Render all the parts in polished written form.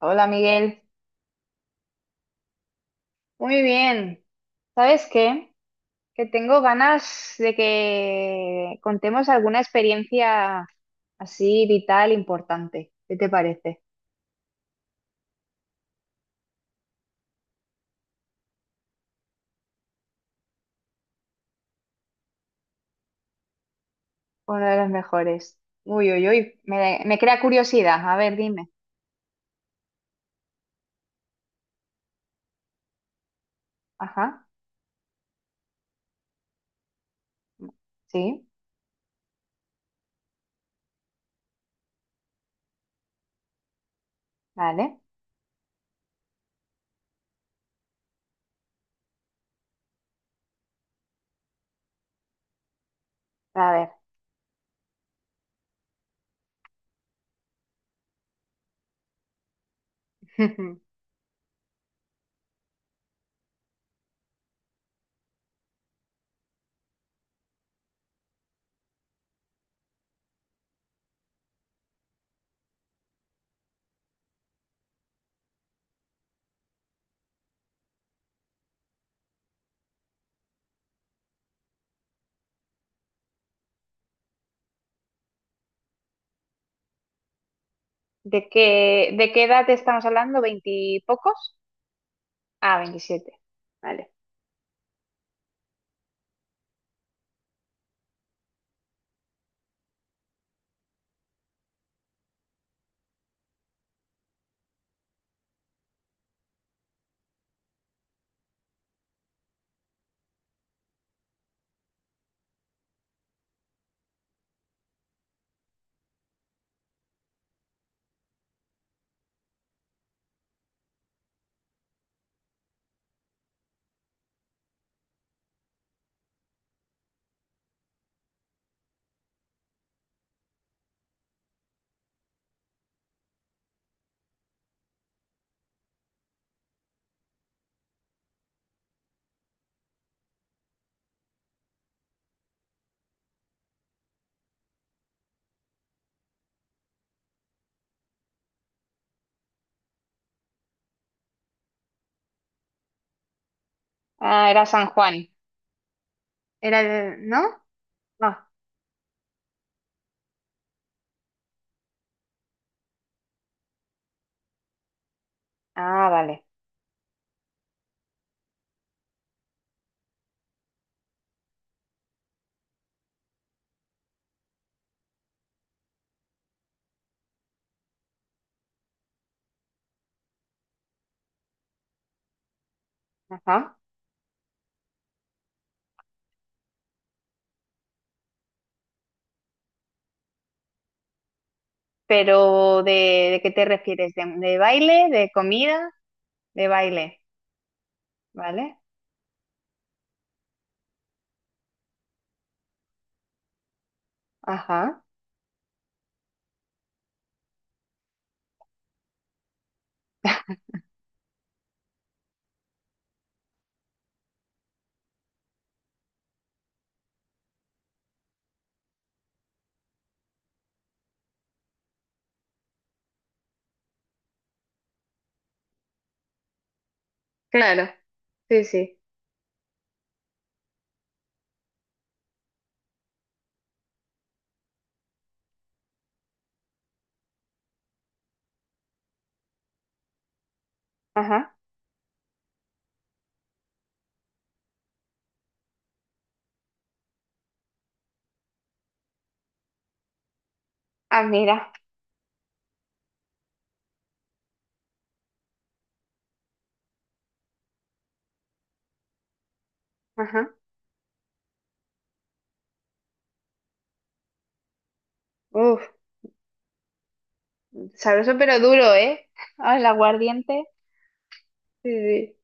Hola Miguel, muy bien. ¿Sabes qué? Que tengo ganas de que contemos alguna experiencia así vital, importante. ¿Qué te parece? Una de las mejores. Uy, uy, uy, me crea curiosidad. A ver, dime. Ajá, sí, vale. A ver. ¿De qué edad estamos hablando? ¿Veintipocos? ¿Pocos? Ah, veintisiete. Vale. Ah, era San Juan. Era el, ¿no? No. Ah, vale. Ajá. Pero de qué te refieres? De baile? ¿De comida? De baile, ¿vale? Ajá, claro, sí, sí. Ajá. Ah, mira, ajá. Uf, sabroso pero duro, ¿eh? Ah, el aguardiente. Sí, sí,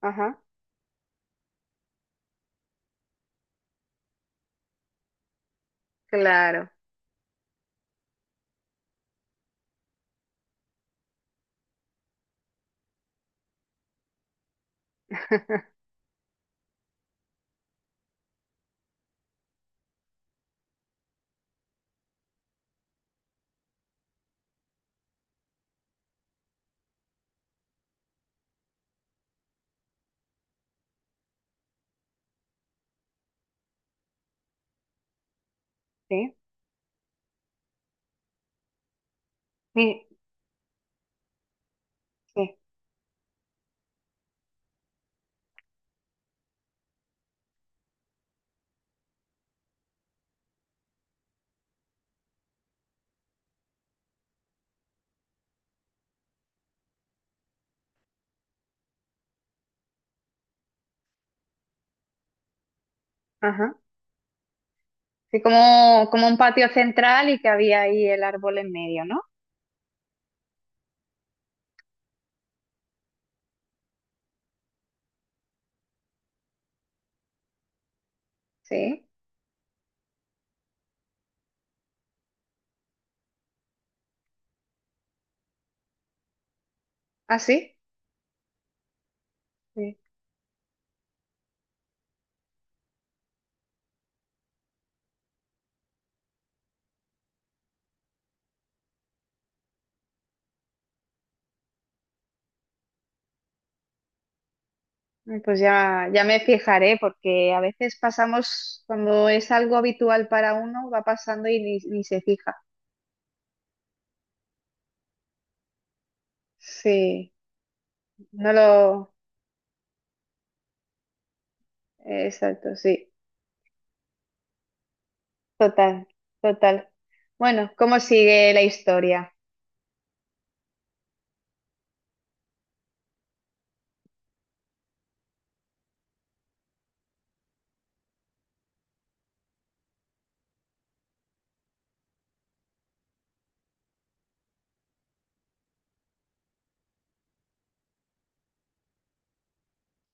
ajá, claro. Sí, sí, sí, ajá. Sí, como, como un patio central y que había ahí el árbol en medio, ¿no? Sí, así. Sí. Pues ya, ya me fijaré, porque a veces pasamos, cuando es algo habitual para uno, va pasando y ni se fija. Sí, no lo... Exacto, sí. Total, total. Bueno, ¿cómo sigue la historia?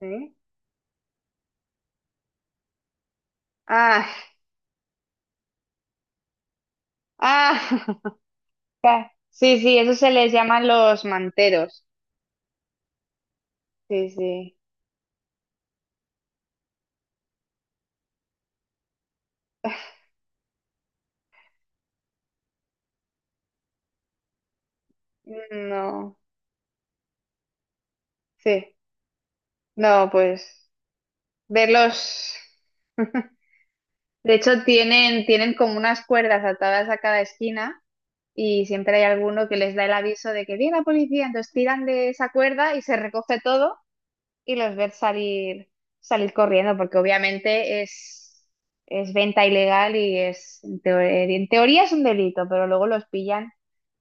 ¿Sí? Ah, ah, ca- sí, sí, eso se les llaman los manteros. Sí, sí. No, sí. No, pues verlos. De hecho, tienen como unas cuerdas atadas a cada esquina. Y siempre hay alguno que les da el aviso de que viene la policía, entonces tiran de esa cuerda y se recoge todo y los ves salir, salir corriendo, porque obviamente es venta ilegal y es, en teoría es un delito, pero luego los pillan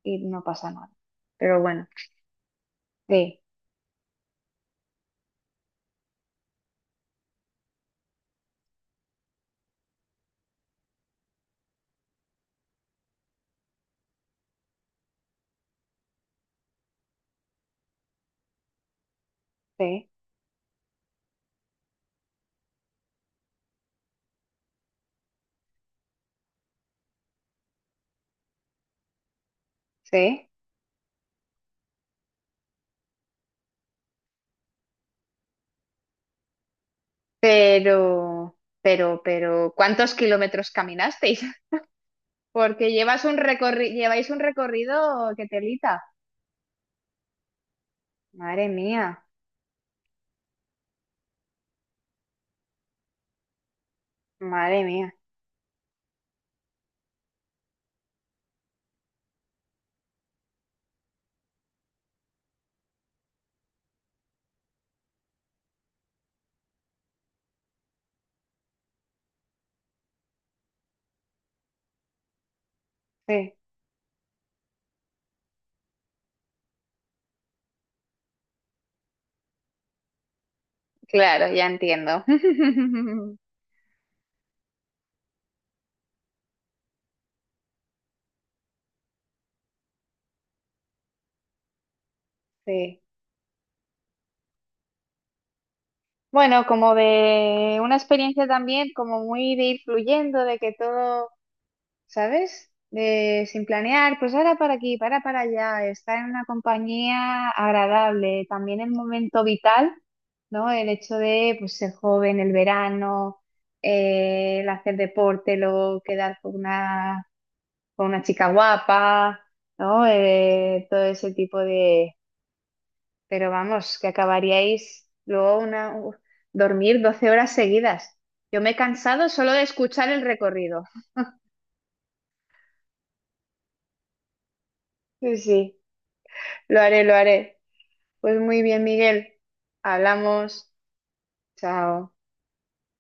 y no pasa nada. Pero bueno, sí, sí, sí, pero... pero, ¿cuántos kilómetros caminasteis? Porque lleváis un recorrido que telita. Madre mía, madre mía. Sí. Claro, ya entiendo. Sí. Bueno, como de una experiencia también, como muy de ir fluyendo, de que todo, ¿sabes? De sin planear, pues ahora para aquí, para allá, estar en una compañía agradable, también el momento vital, ¿no? El hecho de pues, ser joven, el verano, el hacer deporte, luego quedar con una chica guapa, ¿no? Todo ese tipo. Pero vamos, que acabaríais luego una, u- dormir 12 horas seguidas. Yo me he cansado solo de escuchar el recorrido. Sí, sí, lo haré, lo haré. Pues muy bien, Miguel. Hablamos. Chao.